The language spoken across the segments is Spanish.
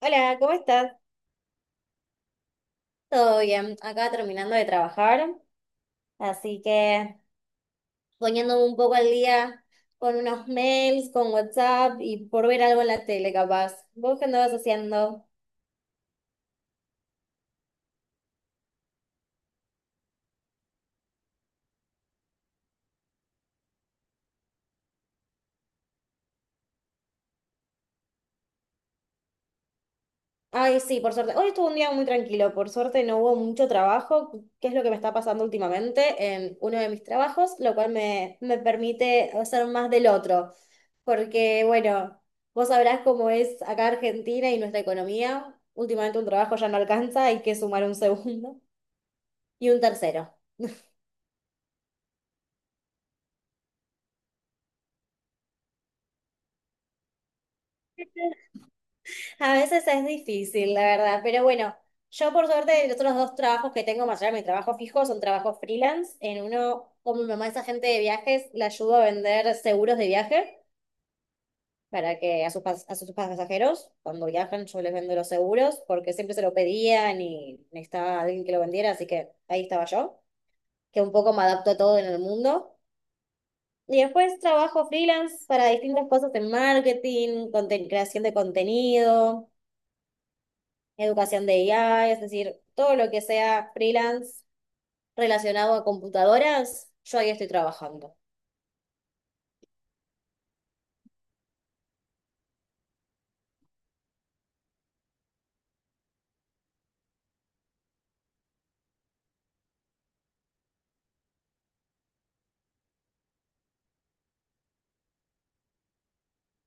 Hola, ¿cómo estás? Todo bien, acá terminando de trabajar, así que poniéndome un poco al día con unos mails, con WhatsApp y por ver algo en la tele, capaz. ¿Vos qué andabas haciendo? Ay, sí, por suerte. Hoy estuvo un día muy tranquilo, por suerte no hubo mucho trabajo, que es lo que me está pasando últimamente en uno de mis trabajos, lo cual me permite hacer más del otro, porque bueno, vos sabrás cómo es acá Argentina y nuestra economía. Últimamente un trabajo ya no alcanza, hay que sumar un segundo y un tercero. A veces es difícil, la verdad, pero bueno, yo por suerte los otros dos trabajos que tengo más allá de mi trabajo fijo son trabajos freelance. En uno, como mi mamá es agente de viajes, le ayudo a vender seguros de viaje para que a sus pasajeros, cuando viajan, yo les vendo los seguros porque siempre se lo pedían y necesitaba alguien que lo vendiera, así que ahí estaba yo, que un poco me adapto a todo en el mundo. Y después trabajo freelance para distintas cosas en marketing, creación de contenido. Educación de IA, es decir, todo lo que sea freelance relacionado a computadoras, yo ahí estoy trabajando.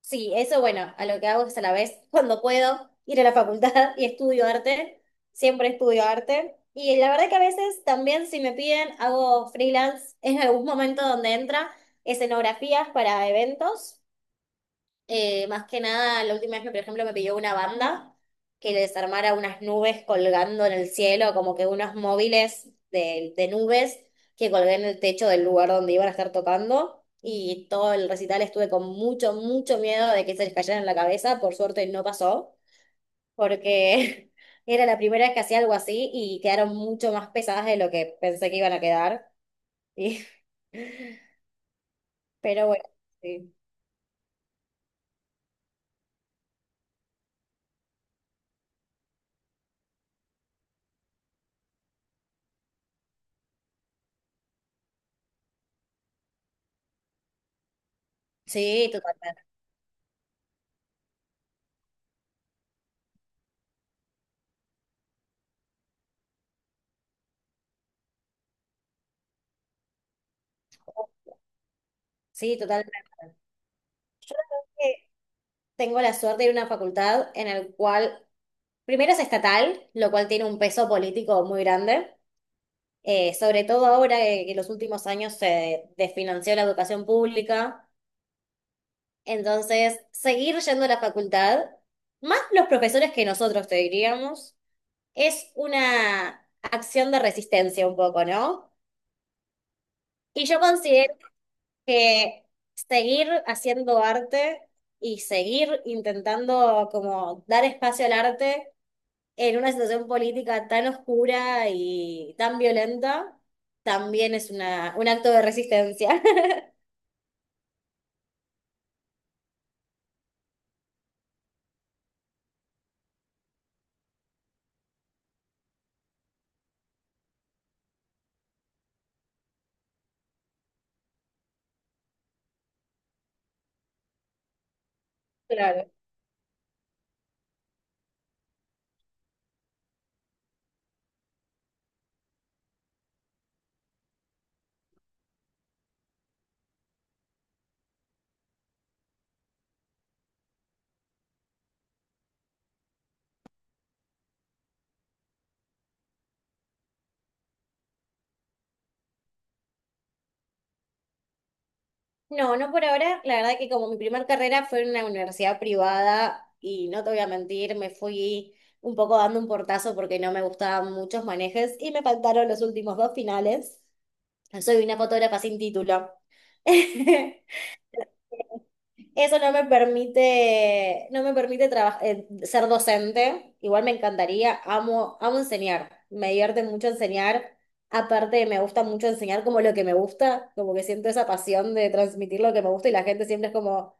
Sí, eso bueno, a lo que hago es a la vez, cuando puedo, ir a la facultad y estudio arte, siempre estudio arte. Y la verdad que a veces también si me piden, hago freelance en algún momento donde entra escenografías para eventos. Más que nada, la última vez que, por ejemplo, me pidió una banda que le desarmara unas nubes colgando en el cielo, como que unos móviles de nubes que colgué en el techo del lugar donde iban a estar tocando. Y todo el recital estuve con mucho, mucho miedo de que se les cayera en la cabeza. Por suerte no pasó, porque era la primera vez que hacía algo así y quedaron mucho más pesadas de lo que pensé que iban a quedar. Y- pero bueno, sí. Sí, totalmente. Sí, totalmente. Tengo la suerte de ir a una facultad en el cual, primero es estatal, lo cual tiene un peso político muy grande, sobre todo ahora que en los últimos años se desfinanció la educación pública. Entonces, seguir yendo a la facultad, más los profesores que nosotros te diríamos, es una acción de resistencia un poco, ¿no? Y yo considero que seguir haciendo arte y seguir intentando como dar espacio al arte en una situación política tan oscura y tan violenta, también es una, un acto de resistencia. Claro. No, no por ahora. La verdad que como mi primer carrera fue en una universidad privada y no te voy a mentir, me fui un poco dando un portazo porque no me gustaban muchos manejes y me faltaron los últimos dos finales. Soy una fotógrafa sin título. Eso no me permite, no me permite ser docente. Igual me encantaría, amo, amo enseñar. Me divierte mucho enseñar. Aparte, me gusta mucho enseñar como lo que me gusta, como que siento esa pasión de transmitir lo que me gusta y la gente siempre es como,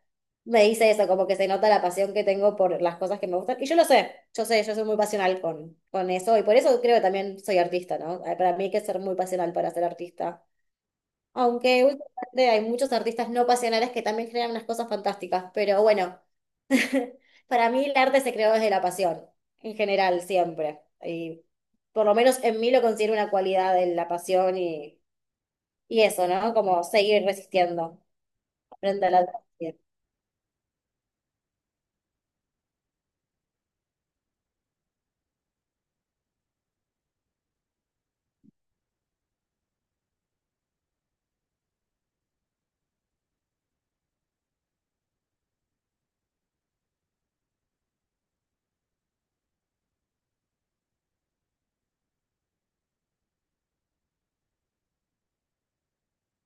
me dice eso, como que se nota la pasión que tengo por las cosas que me gustan. Y yo lo sé, yo soy muy pasional con eso y por eso creo que también soy artista, ¿no? Para mí hay que ser muy pasional para ser artista. Aunque últimamente hay muchos artistas no pasionales que también crean unas cosas fantásticas, pero bueno, para mí el arte se creó desde la pasión, en general, siempre. Y por lo menos en mí lo considero una cualidad de la pasión y eso, ¿no? Como seguir resistiendo frente a la adversidad.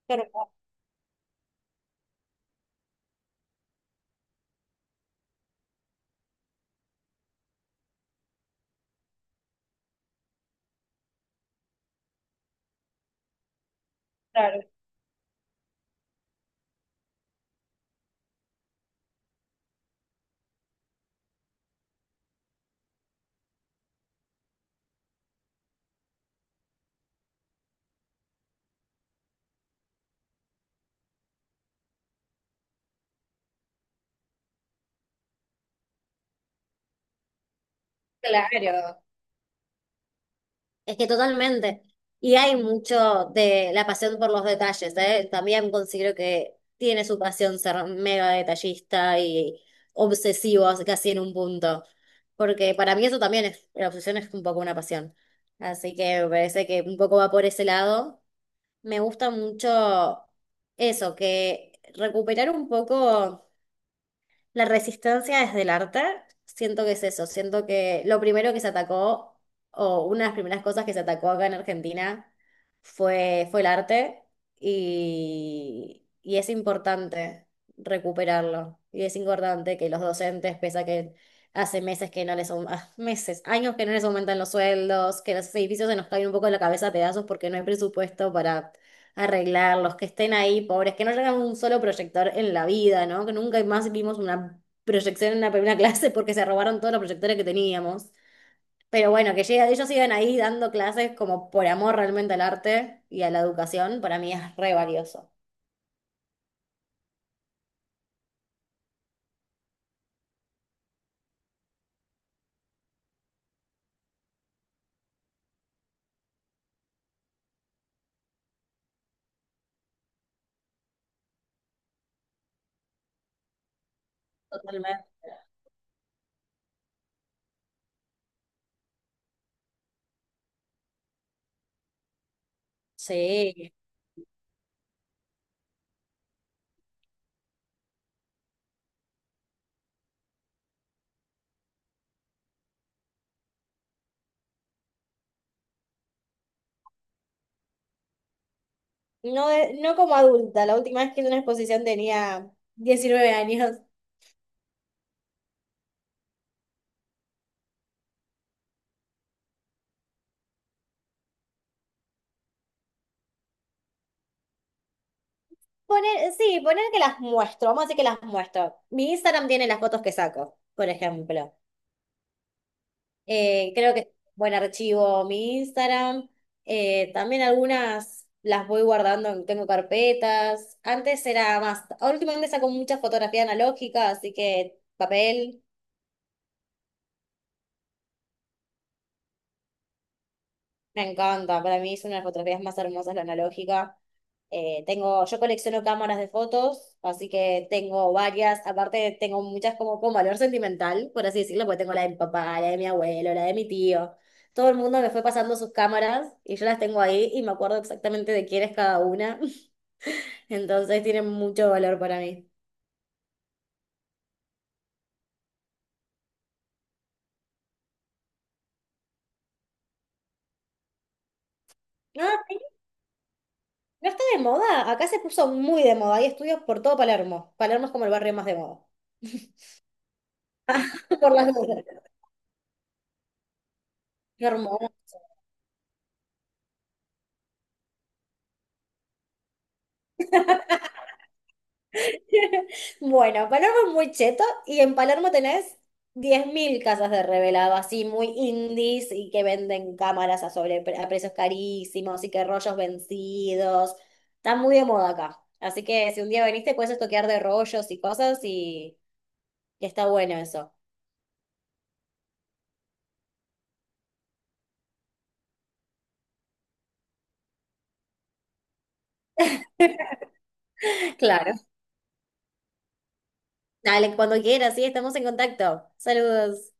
Claro, claro. Claro. Es que totalmente. Y hay mucho de la pasión por los detalles, ¿eh? También considero que tiene su pasión ser mega detallista y obsesivo casi en un punto. Porque para mí eso también es, la obsesión es un poco una pasión. Así que me parece que un poco va por ese lado. Me gusta mucho eso, que recuperar un poco. La resistencia desde el arte, siento que es eso, siento que lo primero que se atacó, o una de las primeras cosas que se atacó acá en Argentina, fue el arte y es importante recuperarlo. Y es importante que los docentes, pese a que hace meses que no les, aum- ah, meses, años que no les aumentan los sueldos, que los edificios se nos caen un poco de la cabeza a pedazos porque no hay presupuesto para arreglar, los que estén ahí, pobres, que no llegan un solo proyector en la vida, ¿no? Que nunca más vimos una proyección en una primera clase porque se robaron todos los proyectores que teníamos. Pero bueno, que llega, ellos sigan ahí dando clases como por amor realmente al arte y a la educación, para mí es re valioso. Totalmente. Sí. No, no como adulta, la última vez que hice una exposición tenía 19 años. Poner, sí, poner que las muestro, vamos a decir que las muestro. Mi Instagram tiene las fotos que saco, por ejemplo. Creo que es buen archivo mi Instagram. También algunas las voy guardando, tengo carpetas. Antes era más, ahora últimamente saco muchas fotografías analógicas, así que papel me encanta. Para mí son las fotografías más hermosas la analógica. Tengo, yo colecciono cámaras de fotos, así que tengo varias, aparte tengo muchas como con valor sentimental, por así decirlo, porque tengo la de mi papá, la de mi abuelo, la de mi tío. Todo el mundo me fue pasando sus cámaras y yo las tengo ahí y me acuerdo exactamente de quién es cada una, entonces tienen mucho valor para mí. No, sí, no está de moda, acá se puso muy de moda, hay estudios por todo Palermo. Palermo es como el barrio más de moda. Por las dudas. Qué hermoso. Bueno, Palermo es muy cheto y en Palermo tenés 10.000 casas de revelado, así muy indies y que venden cámaras a, sobre, a precios carísimos y que rollos vencidos. Está muy de moda acá. Así que si un día veniste, puedes estoquear de rollos y cosas y está bueno eso. Claro. Dale, cuando quieras, sí, estamos en contacto. Saludos.